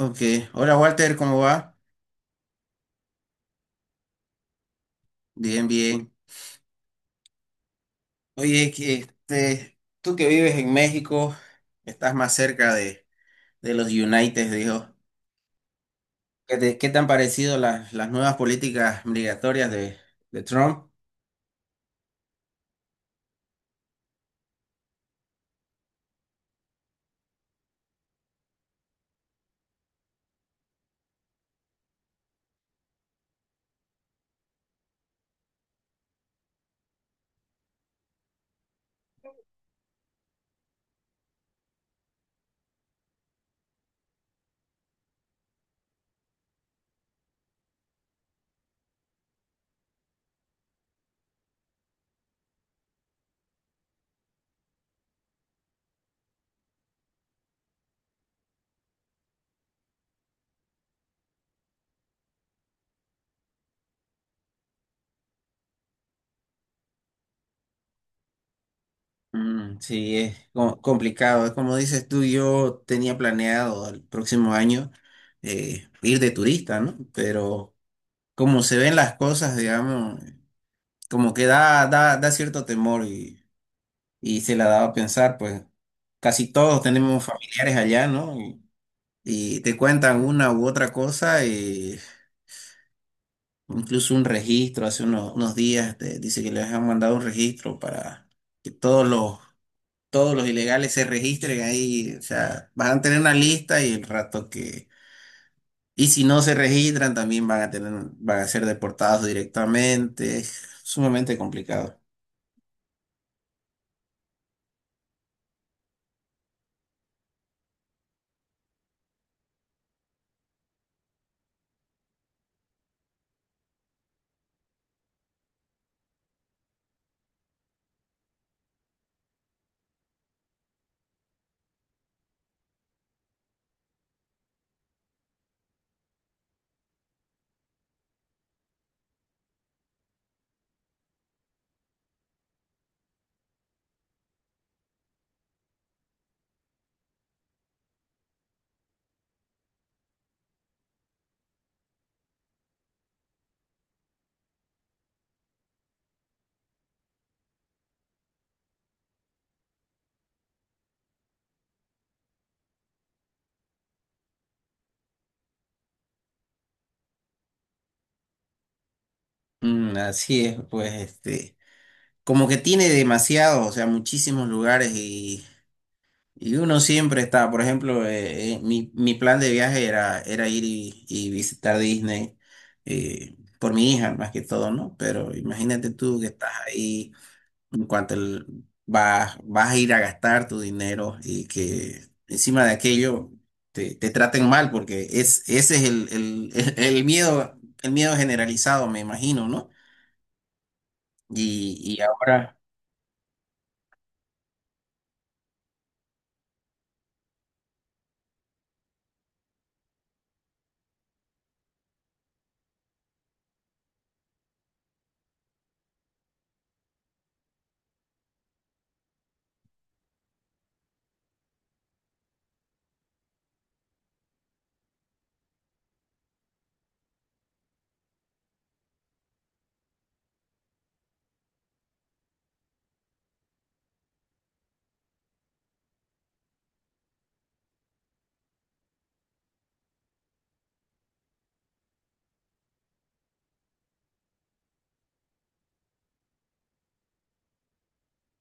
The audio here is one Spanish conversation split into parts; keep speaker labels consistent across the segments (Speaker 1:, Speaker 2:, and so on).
Speaker 1: Ok, hola Walter, ¿cómo va? Bien, bien. Oye, que, tú que vives en México, estás más cerca de los United, dijo. Qué te han parecido las nuevas políticas migratorias de Trump? Mm, sí, es complicado. Es como dices tú, yo tenía planeado el próximo año ir de turista, ¿no? Pero como se ven las cosas, digamos, como que da, da, da cierto temor y se la daba a pensar, pues casi todos tenemos familiares allá, ¿no? Y te cuentan una u otra cosa, y incluso un registro, hace unos días te dice que les han mandado un registro para que todos los ilegales se registren ahí, o sea, van a tener una lista y el rato que... Y si no se registran, también van a tener, van a ser deportados directamente. Es sumamente complicado. Mm, así es, pues, este. Como que tiene demasiado, o sea, muchísimos lugares y uno siempre está, por ejemplo, mi plan de viaje era ir y visitar Disney por mi hija más que todo, ¿no? Pero imagínate tú que estás ahí, en cuanto vas, vas a ir a gastar tu dinero y que encima de aquello te, te traten mal, porque es, ese es el miedo generalizado, me imagino, ¿no? Y ahora...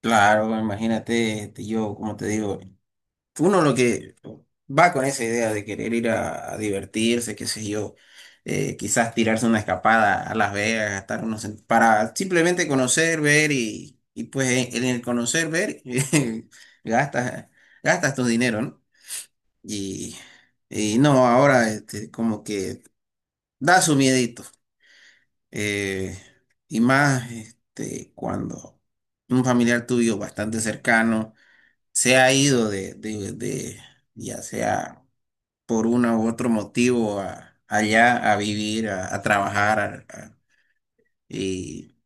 Speaker 1: Claro, bueno, imagínate, este, yo, como te digo, uno lo que va con esa idea de querer ir a divertirse, qué sé yo, quizás tirarse una escapada a Las Vegas, gastar para simplemente conocer, ver y pues en el conocer, ver, gastas, gastas tu dinero, ¿no? Y, y no, ahora este, como que da su miedito, eh, y más este, cuando un familiar tuyo bastante cercano se ha ido ya sea por uno u otro motivo allá a vivir, a trabajar y,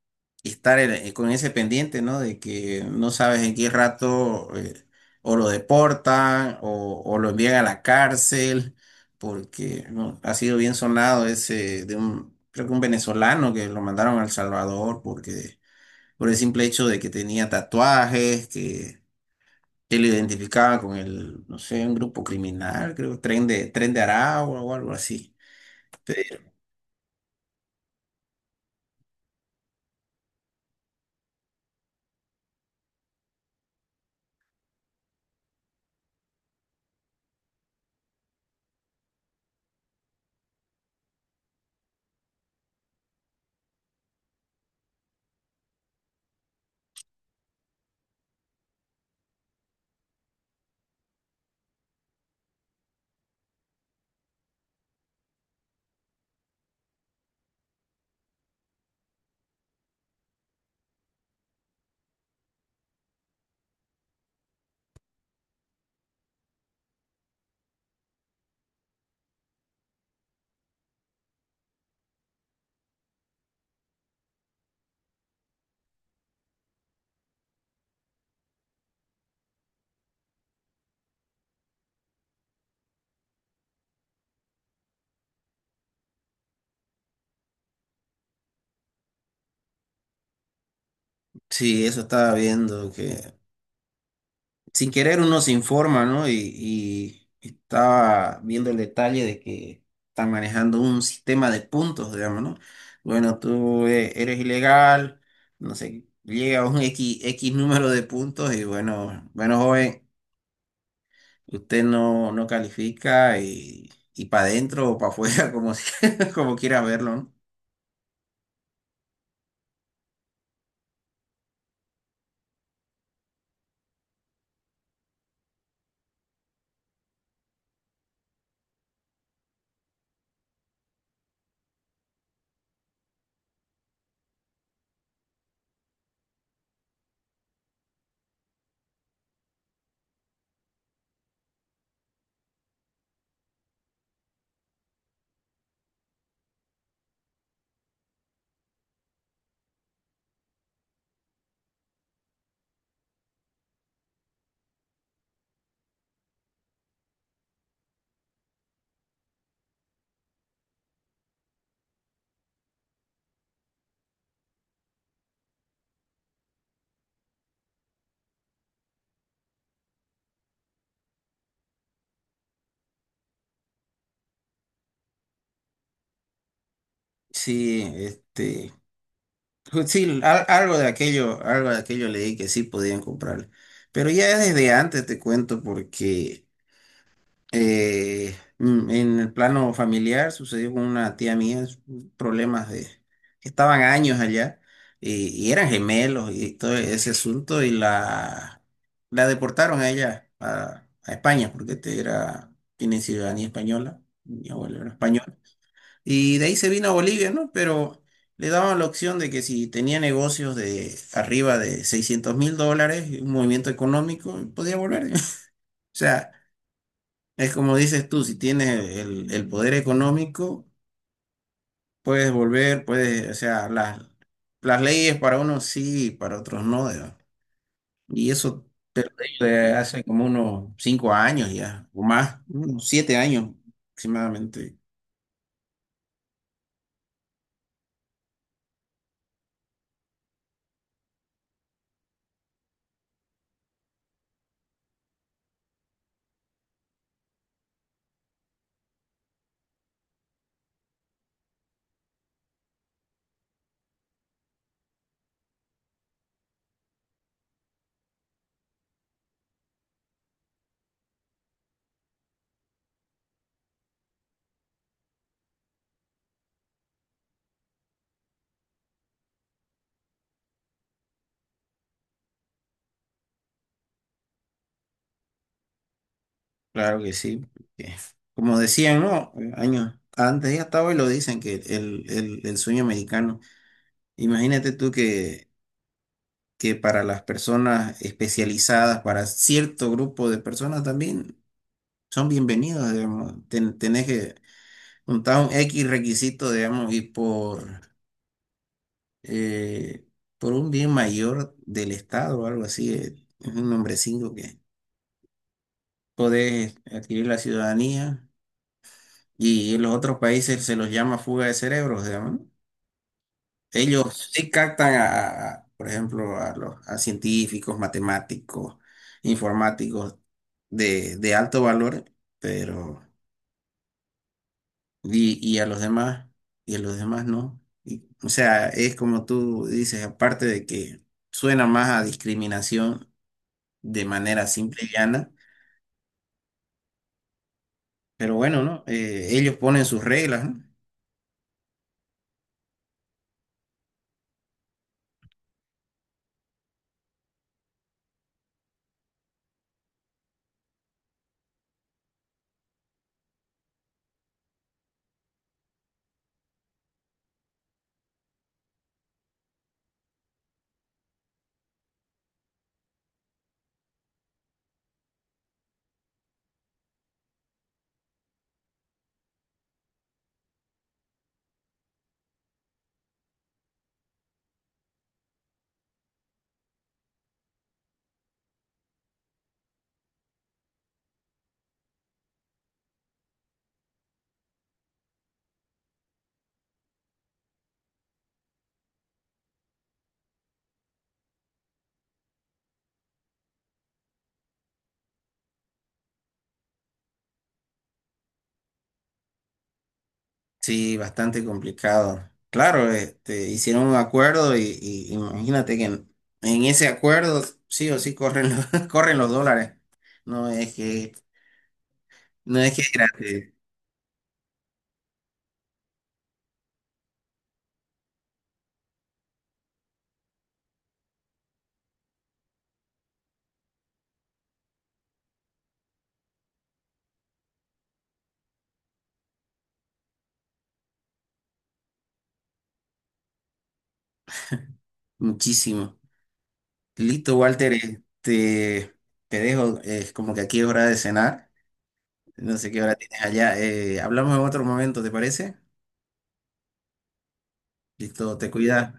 Speaker 1: y estar con ese pendiente, ¿no? De que no sabes en qué rato o lo deportan o lo envían a la cárcel, porque ¿no? ha sido bien sonado ese de un, creo que un venezolano que lo mandaron a El Salvador porque... por el simple hecho de que tenía tatuajes, que y lo identificaba con el, no sé, un grupo criminal, creo, Tren de Aragua o algo así. Pe- Sí, eso estaba viendo, que sin querer uno se informa, ¿no? Y estaba viendo el detalle de que están manejando un sistema de puntos, digamos, ¿no? Bueno, tú eres ilegal, no sé, llega a un X número de puntos y bueno, bueno, joven, usted no, no califica y para adentro o para afuera, como, como quiera verlo, ¿no? Sí, este, sí, algo de aquello leí que sí podían comprarle. Pero ya desde antes te cuento porque en el plano familiar sucedió con una tía mía problemas de que estaban años allá y eran gemelos y todo ese asunto y la deportaron a ella a España porque este era, tiene ciudadanía española, mi abuelo era español. Y de ahí se vino a Bolivia, ¿no? Pero le daban la opción de que si tenía negocios de arriba de $600.000, un movimiento económico, podía volver. O sea, es como dices tú, si tienes el poder económico, puedes volver, puedes, o sea, las leyes para unos sí, para otros no. Digamos. Y eso hace como unos 5 años ya, o más, unos 7 años aproximadamente. Claro que sí, porque, como decían, ¿no? Años antes y hasta hoy lo dicen que el sueño americano. Imagínate tú que para las personas especializadas, para cierto grupo de personas también son bienvenidos, digamos. Tenés que juntar un X requisito, digamos, y eh, por un bien mayor del Estado o algo así, es un nombrecito que podés adquirir la ciudadanía. Y en los otros países se los llama fuga de cerebros, digamos. Ellos sí captan por ejemplo, a los a científicos, matemáticos, informáticos de alto valor, pero y a los demás, y a los demás no. Y, o sea, es como tú dices, aparte de que suena más a discriminación de manera simple y llana, pero bueno, ¿no? Ellos ponen sus reglas, ¿no? Sí, bastante complicado. Claro, este, hicieron un acuerdo y imagínate que en ese acuerdo sí o sí corren los, corren los dólares. No es que, no es que es gratis, muchísimo. Listo, Walter, este, te dejo, es como que aquí es hora de cenar. No sé qué hora tienes allá. Hablamos en otro momento, ¿te parece? Listo, te cuidas.